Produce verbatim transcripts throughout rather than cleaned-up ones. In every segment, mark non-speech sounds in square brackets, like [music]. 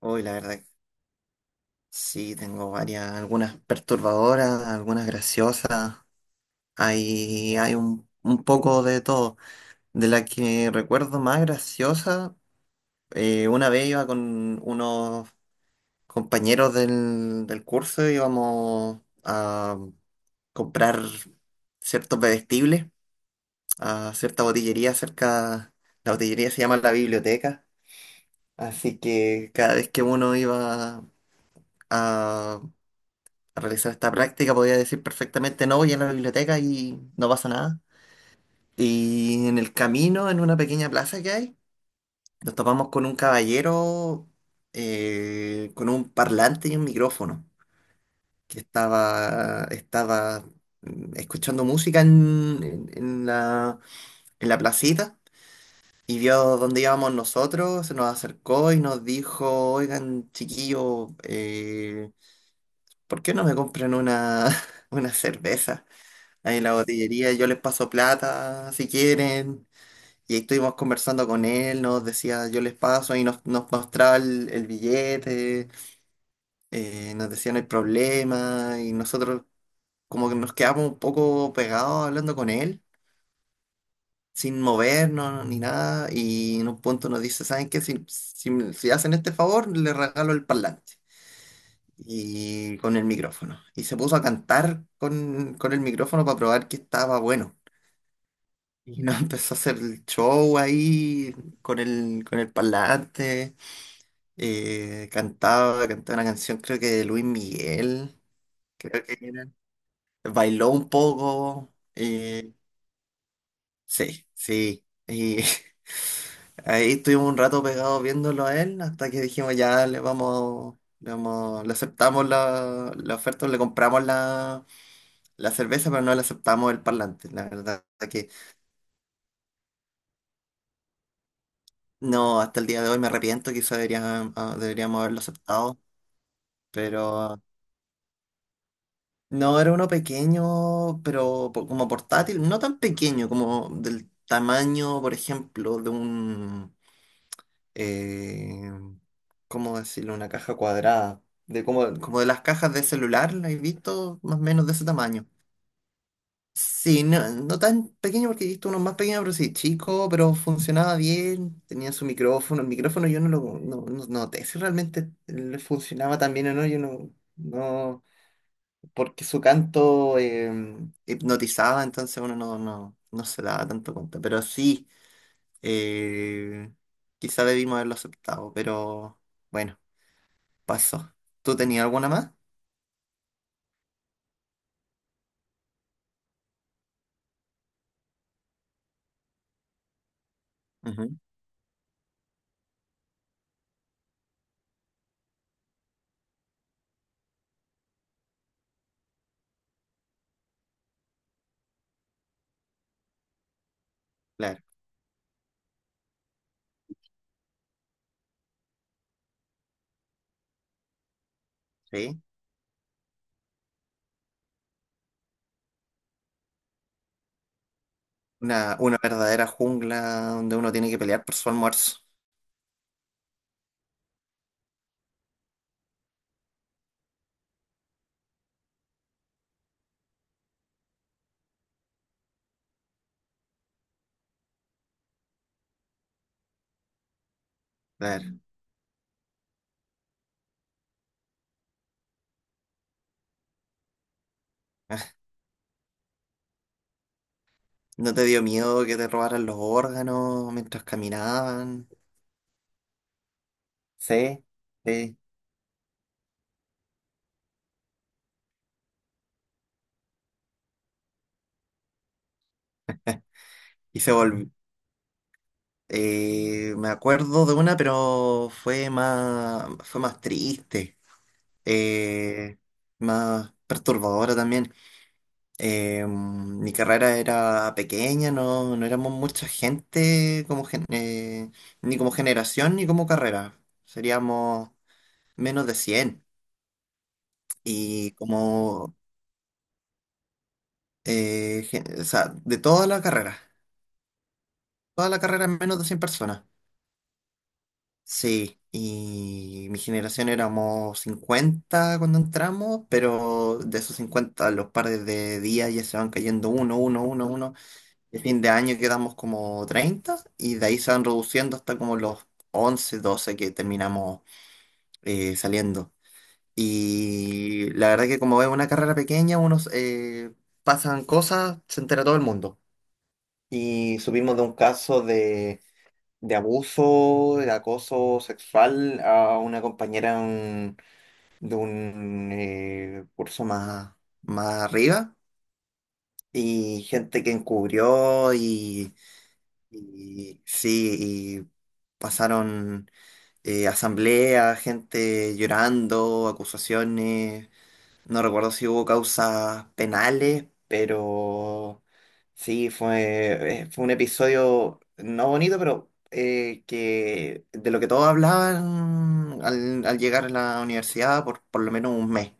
Uy, la verdad, sí, tengo varias, algunas perturbadoras, algunas graciosas. Hay, hay un, un poco de todo. De la que recuerdo más graciosa, eh, una vez iba con unos compañeros del, del curso, íbamos a comprar ciertos bebestibles a cierta botillería cerca. La botillería se llama La Biblioteca, así que cada vez que uno iba a realizar esta práctica, podía decir perfectamente, no voy a la biblioteca y no pasa nada. Y en el camino, en una pequeña plaza que hay, nos topamos con un caballero, eh, con un parlante y un micrófono, que estaba, estaba mm, escuchando música en, en- en la, en la placita. Y vio dónde íbamos nosotros, se nos acercó y nos dijo: oigan, chiquillo, eh, ¿por qué no me compran una, [laughs] una cerveza? Ahí en la botillería yo les paso plata si quieren. Y ahí estuvimos conversando con él, nos decía yo les paso y nos, nos mostraba el, el billete, eh, nos decía no hay problema y nosotros como que nos quedamos un poco pegados hablando con él, sin movernos ni nada y en un punto nos dice: ¿saben qué? Si, si, si hacen este favor, les regalo el parlante y con el micrófono. Y se puso a cantar con, con el micrófono para probar que estaba bueno. Y no empezó a hacer el show ahí con el, con el parlante. eh, cantaba, cantaba una canción, creo que de Luis Miguel. Creo que era. Bailó un poco. Eh, sí, sí. Y [laughs] ahí estuvimos un rato pegados viéndolo a él hasta que dijimos ya le vamos, le vamos, le aceptamos la, la oferta, le compramos la, la cerveza, pero no le aceptamos el parlante. La verdad que no, hasta el día de hoy me arrepiento, quizá debería- ah, deberíamos haberlo aceptado. Pero no, era uno pequeño, pero po- como portátil, no tan pequeño, como del tamaño, por ejemplo, de un, eh, ¿cómo decirlo? Una caja cuadrada, de como, como de las cajas de celular, ¿la he visto? Más o menos de ese tamaño. Sí, no, no tan pequeño porque he visto uno más pequeño, pero sí, chico, pero funcionaba bien, tenía su micrófono, el micrófono yo no lo no, no noté si realmente le funcionaba tan bien o no, yo no, no. Porque su canto, eh, hipnotizaba, entonces uno no, no, no se daba tanto cuenta. Pero sí, eh, quizá debimos haberlo aceptado, pero bueno, pasó. ¿Tú tenías alguna más? Ujú. Claro, sí. Una, una verdadera jungla donde uno tiene que pelear por su almuerzo. Claro. Ah, [laughs] ¿no te dio miedo que te robaran los órganos mientras caminaban? Sí, sí. Y se volvió. Eh, me acuerdo de una, pero fue más, fue más triste, eh, más perturbadora también. Eh, mm, mi carrera era pequeña, no, no éramos mucha gente como gen- eh, ni como generación ni como carrera. Seríamos menos de cien y como, eh, gen- o sea, de toda la carrera, toda la carrera menos de cien personas. Sí, y mi generación éramos cincuenta cuando entramos, pero de esos cincuenta los pares de días ya se van cayendo uno, uno, uno, uno. El fin de año quedamos como treinta y de ahí se van reduciendo hasta como los once doce que terminamos, eh, saliendo. Y la verdad que como es una carrera pequeña, unos, eh, pasan cosas, se entera todo el mundo. Y supimos de un caso de abuso, de acoso sexual a una compañera de un, de un, eh, curso más, más arriba y gente que encubrió y, y sí, y pasaron, eh, asambleas, gente llorando, acusaciones. No recuerdo si hubo causas penales, pero sí, fue, eh, fue un episodio no bonito, pero eh, que de lo que todos hablaban al, al llegar a la universidad por por lo menos un mes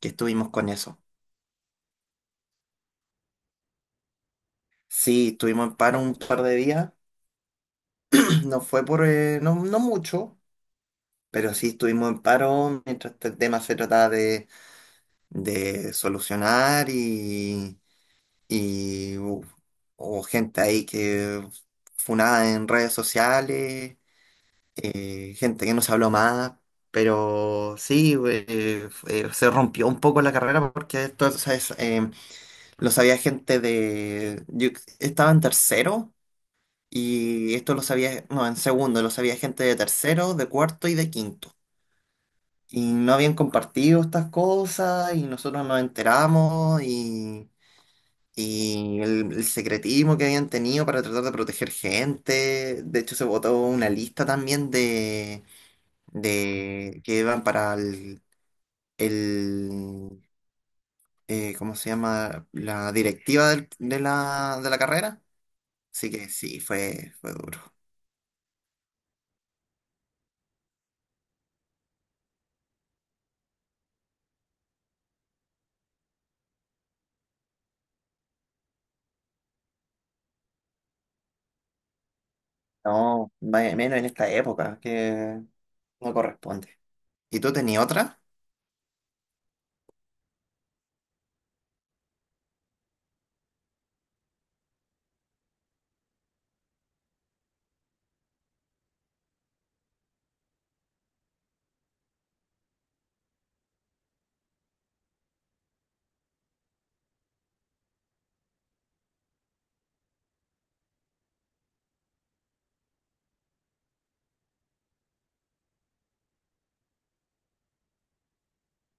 que estuvimos con eso. Sí, estuvimos en paro un par de días, [clears throat] no fue por, eh, no, no mucho, pero sí estuvimos en paro mientras este tema se trataba de, de solucionar y uf, hubo gente ahí que funada en redes sociales, eh, gente que no se habló más, pero sí, eh, eh, se rompió un poco la carrera porque esto, o sea, es, eh, lo sabía gente de... Yo estaba en tercero y esto lo sabía, no, en segundo, lo sabía gente de tercero, de cuarto y de quinto. Y no habían compartido estas cosas y nosotros nos enteramos y y el, el secretismo que habían tenido para tratar de proteger gente. De hecho, se votó una lista también de, de que iban para el, el eh, ¿cómo se llama? La directiva del- de la, de la carrera. Así que sí, fue, fue duro. No, me- menos en esta época, que no corresponde. ¿Y tú tenías otra?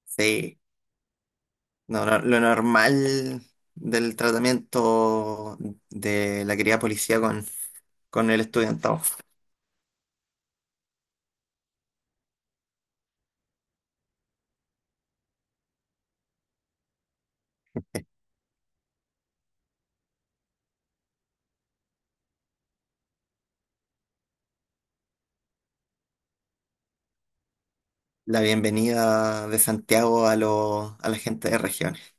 Sí. No, no, lo normal del tratamiento de la querida policía con, con el estudiantado. La bienvenida de Santiago a, lo- a la gente de regiones.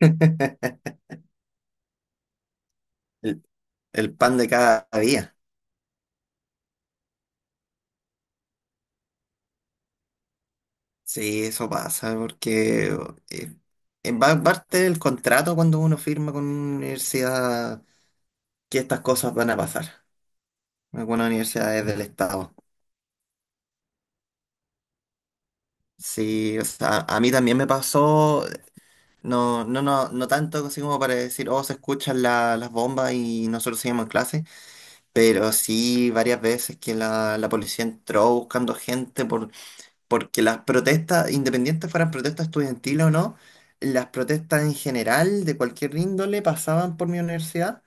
[laughs] El, el pan de cada día. Sí, eso pasa, porque eh, eh, va parte del contrato cuando uno firma con una universidad que estas cosas van a pasar. Algunas universidades del Estado. Sí, o sea, a mí también me pasó. No, no, no, no tanto así como para decir: oh, se escuchan la- las bombas y nosotros seguimos en clase, pero sí varias veces que la, la policía entró buscando gente por, porque las protestas, independientes fueran protestas estudiantiles o no, las protestas en general de cualquier índole pasaban por mi universidad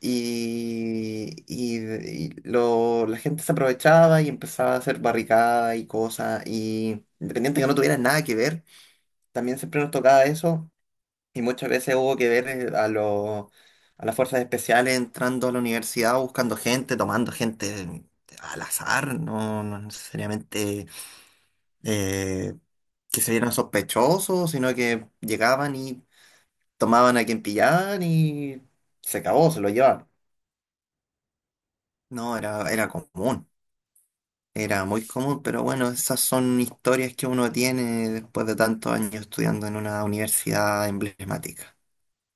y, y- y lo- la gente se aprovechaba y empezaba a hacer barricadas y cosas, y independiente que no tuvieran nada que ver, también siempre nos tocaba eso y muchas veces hubo que ver, eh, a los, a las fuerzas especiales entrando a la universidad, buscando gente, tomando gente al azar, no, no necesariamente, eh, que se vieran sospechosos, sino que llegaban y tomaban a quien pillaban y se acabó, se lo llevaban. No, era, era común, era muy común, pero bueno, esas son historias que uno tiene después de tantos años estudiando en una universidad emblemática.